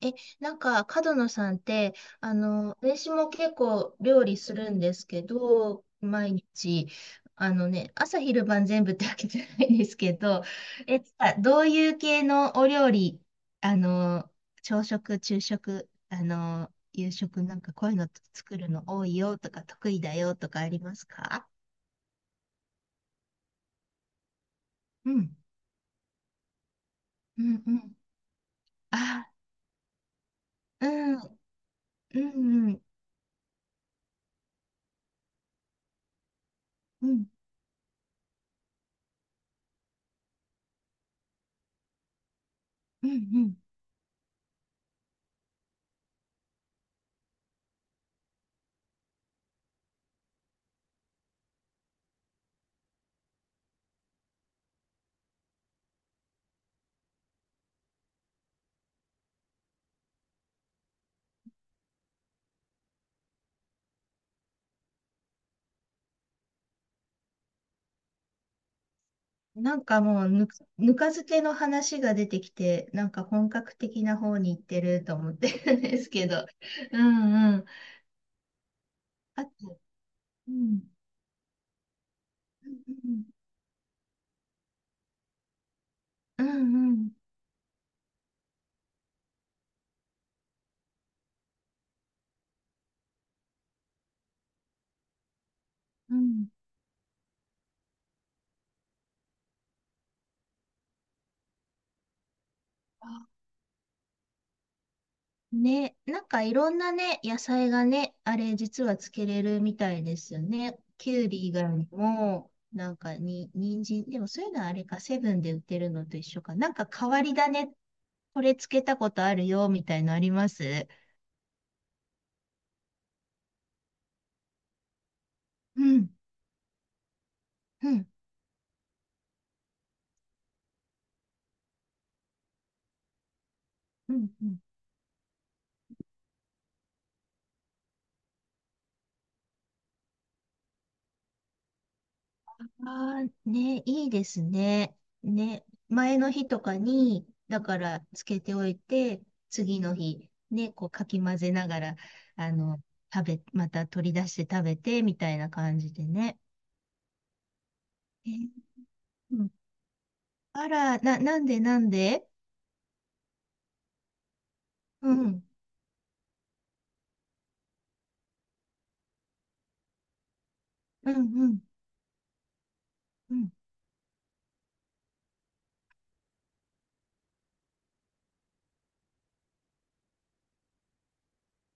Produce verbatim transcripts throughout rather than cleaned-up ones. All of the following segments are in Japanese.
え、なんか、角野さんって、あの、私も結構料理するんですけど、毎日、あのね、朝昼晩全部ってわけじゃないんですけど、え、どういう系のお料理、あの、朝食、昼食、あの、夕食なんかこういうの作るの多いよとか得意だよとかありますか？うん、うん、うん。あ、うん、うん、うん、うん、うん、うん。なんかもうぬ、ぬか漬けの話が出てきて、なんか本格的な方に行ってると思ってるんですけど。うんうん。あと、うん。うんうん。うんうん。あね、なんかいろんなね、野菜がね、あれ実はつけれるみたいですよね。きゅうり以外にも、なんかに、人参、でもそういうのはあれか、セブンで売ってるのと一緒か。なんか変わり種、これつけたことあるよ、みたいのあります？うん。うん。うんうん。ああ、ね、いいですね。ね、前の日とかに、だからつけておいて、次の日、ね、こうかき混ぜながら、あの、食べ、また取り出して食べて、みたいな感じでね。えーうん、あら、な、なんでなんで？うん、うん、うん、うん。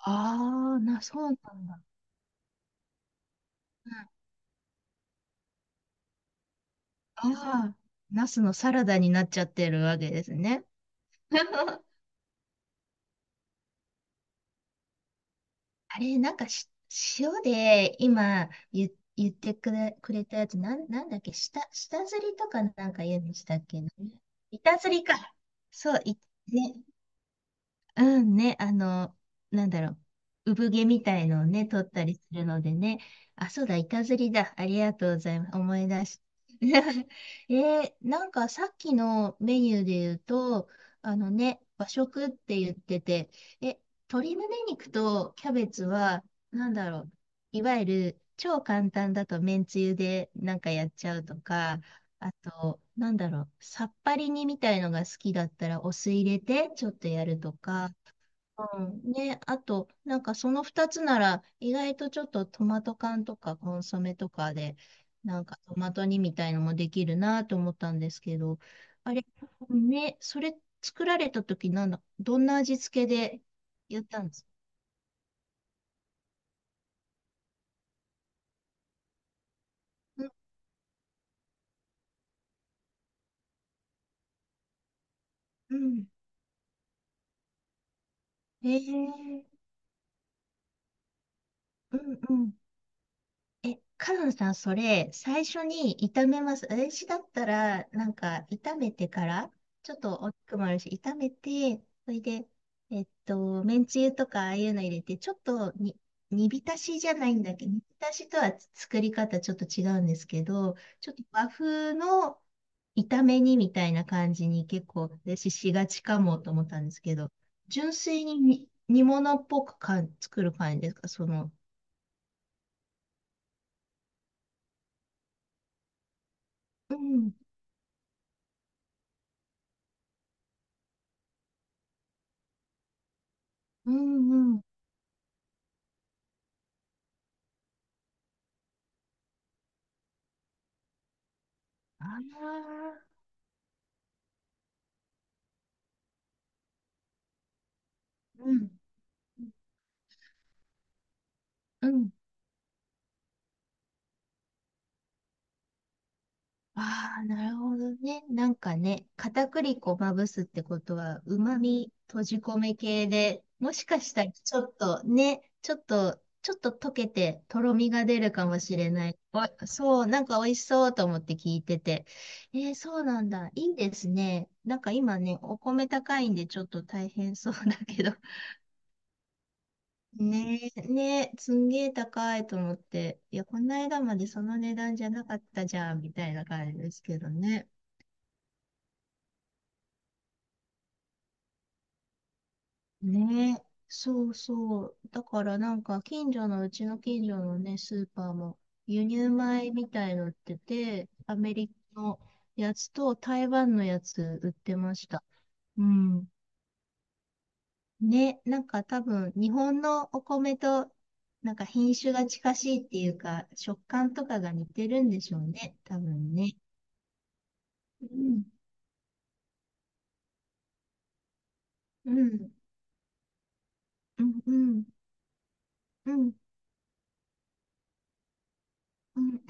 ああ、な、そうなんだ。うん、ああ、ナスのサラダになっちゃってるわけですね。あれ、なんかし、塩で今言、言ってくれ、くれたやつ、なん、なんだっけ、下、下ずりとかなんか言うんでしたっけね。板ずりか。そう、い、ね、うんね、あの、なんだろう、産毛みたいのをね、取ったりするのでね。あ、そうだ、板ずりだ。ありがとうございます。思い出し。えーなんかさっきのメニューで言うと、あのね、和食って言ってて、え、鶏胸肉とキャベツは、なんだろう、いわゆる超簡単だとめんつゆでなんかやっちゃうとか、あと、なんだろう、さっぱり煮みたいのが好きだったらお酢入れてちょっとやるとか、うん。ね、あと、なんかそのふたつなら、意外とちょっとトマト缶とかコンソメとかで、なんかトマト煮みたいのもできるなと思ったんですけど、あれ、ね、それ作られた時なんだ、どんな味付けでやったんですか？うん、うん。えー、うん、うん。え、カノンさん、それ、最初に炒めます？私だったら、なんか、炒めてから、ちょっと大きくもあるし、炒めて、それで、えっと、めんつゆとか、ああいうの入れて、ちょっとに、煮浸しじゃないんだけど、煮浸しとは作り方ちょっと違うんですけど、ちょっと和風の炒め煮みたいな感じに結構、私しがちかもと思ったんですけど、純粋に煮、煮物っぽくかん作る感じですか、その、うん、うん、うん。ああ、うん、うん。ああ、なるほどね。なんかね、片栗粉まぶすってことは、旨味閉じ込め系で、もしかしたらちょっとね、ちょっと、ちょっと溶けて、とろみが出るかもしれない。おそう、なんか美味しそうと思って聞いてて。えー、そうなんだ。いいですね。なんか今ね、お米高いんでちょっと大変そうだけど、ねえ、ねえ、すんげえ高いと思って、いや、この間までその値段じゃなかったじゃん、みたいな感じですけどね。ねえ、そうそう。だからなんか、近所の、うちの近所のね、スーパーも、輸入米みたいの売ってて、アメリカのやつと台湾のやつ売ってました。うん。ね、なんか多分、日本のお米と、なんか品種が近しいっていうか、食感とかが似てるんでしょうね、多分ね。うん、うん、うん、うん、うん、うん、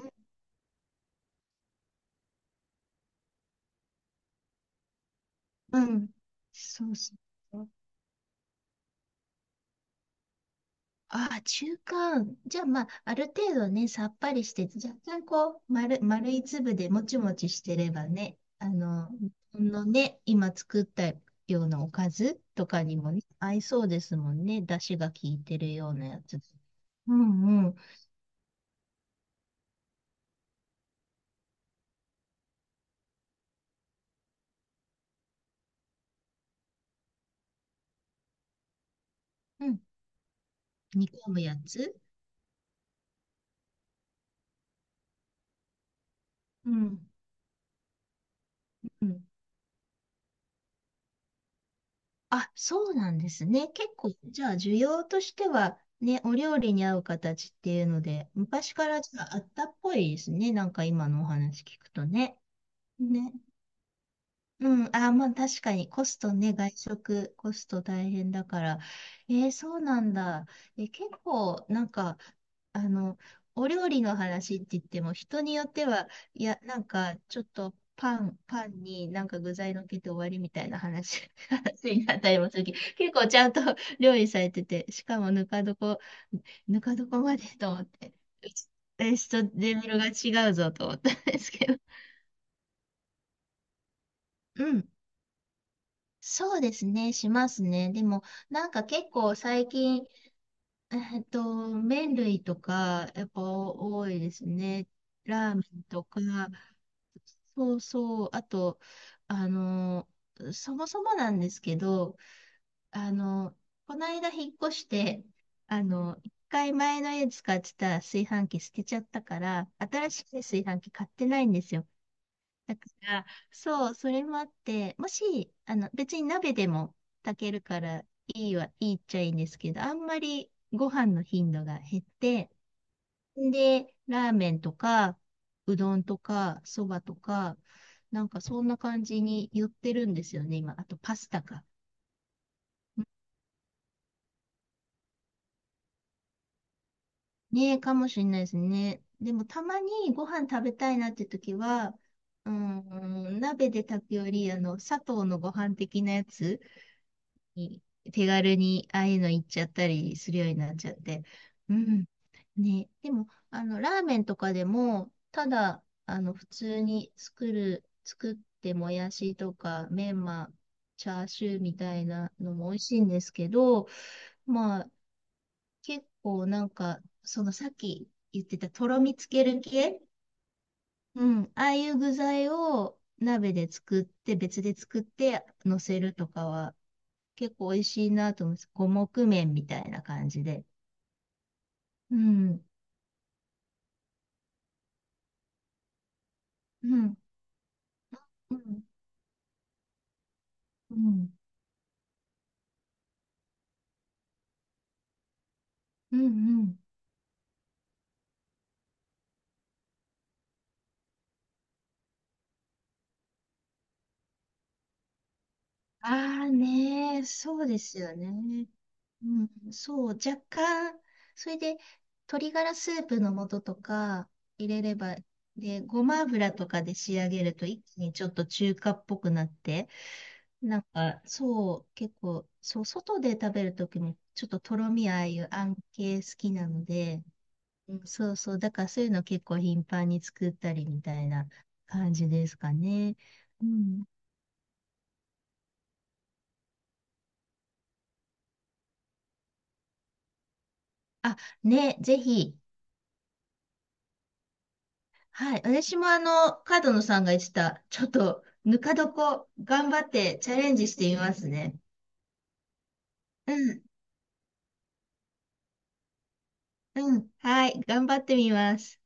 うん。そうそう。ああ、中間。じゃあ、まあ、ある程度ね、さっぱりして、若干こう、丸、丸い粒でもちもちしてればね、あの、日本のね、今作ったようなおかずとかにもね、合いそうですもんね。出汁が効いてるようなやつ。うん、うん、うん。煮込むやつ。うん、うん。あ、そうなんですね。結構、じゃあ、需要としては、ね、お料理に合う形っていうので、昔からじゃあ、あったっぽいですね。なんか今のお話聞くとね。ね。うん、あー、まあ確かにコストね、外食コスト大変だから。えー、そうなんだ。え、結構なんか、あの、お料理の話って言っても人によっては、いや、なんかちょっとパン、パンになんか具材のっけて終わりみたいな話、話になったりもするけど、結構ちゃんと 料理されてて、しかもぬか床、ぬか床までと思って、うちレストレベルが違うぞと思ったんですけど。うん。そうですね、しますね。でも、なんか結構最近、えっと、麺類とか、やっぱ多いですね。ラーメンとか、そうそう、あと、あの、そもそもなんですけど、あの、この間引っ越して、あの、一回前の家使ってた炊飯器捨てちゃったから、新しい炊飯器買ってないんですよ。だから、そう、それもあって、もし、あの、別に鍋でも炊けるからいいは、いいっちゃいいんですけど、あんまりご飯の頻度が減って、で、ラーメンとか、うどんとか、そばとか、なんかそんな感じに寄ってるんですよね、今。あとパスタか。ねえ、かもしれないですね。でもたまにご飯食べたいなって時は、うーん、鍋で炊くより、あの、砂糖のご飯的なやつに手軽にああいうの行っちゃったりするようになっちゃって。うん。ね。でも、あの、ラーメンとかでも、ただ、あの、普通に作る、作ってもやしとか、メンマ、チャーシューみたいなのも美味しいんですけど、まあ、結構なんか、そのさっき言ってたとろみつける系、うん、ああいう具材を鍋で作って、別で作って乗せるとかは、結構美味しいなと思うんです。五目麺みたいな感じで。うん、うん、うん、うん、うん、うん。ああね、そうですよね。うん、そう、若干、それで、鶏ガラスープの素とか入れれば、で、ごま油とかで仕上げると一気にちょっと中華っぽくなって、なんか、そう、結構、そう、外で食べるときも、ちょっととろみああいうあん系好きなので、うん。そうそう。だからそういうの結構頻繁に作ったりみたいな感じですかね。うん。あ、ね、ぜひ。はい。私もあの、角野さんが言ってた、ちょっと、ぬか床、頑張ってチャレンジしてみますね。うん。うん。はい。頑張ってみます。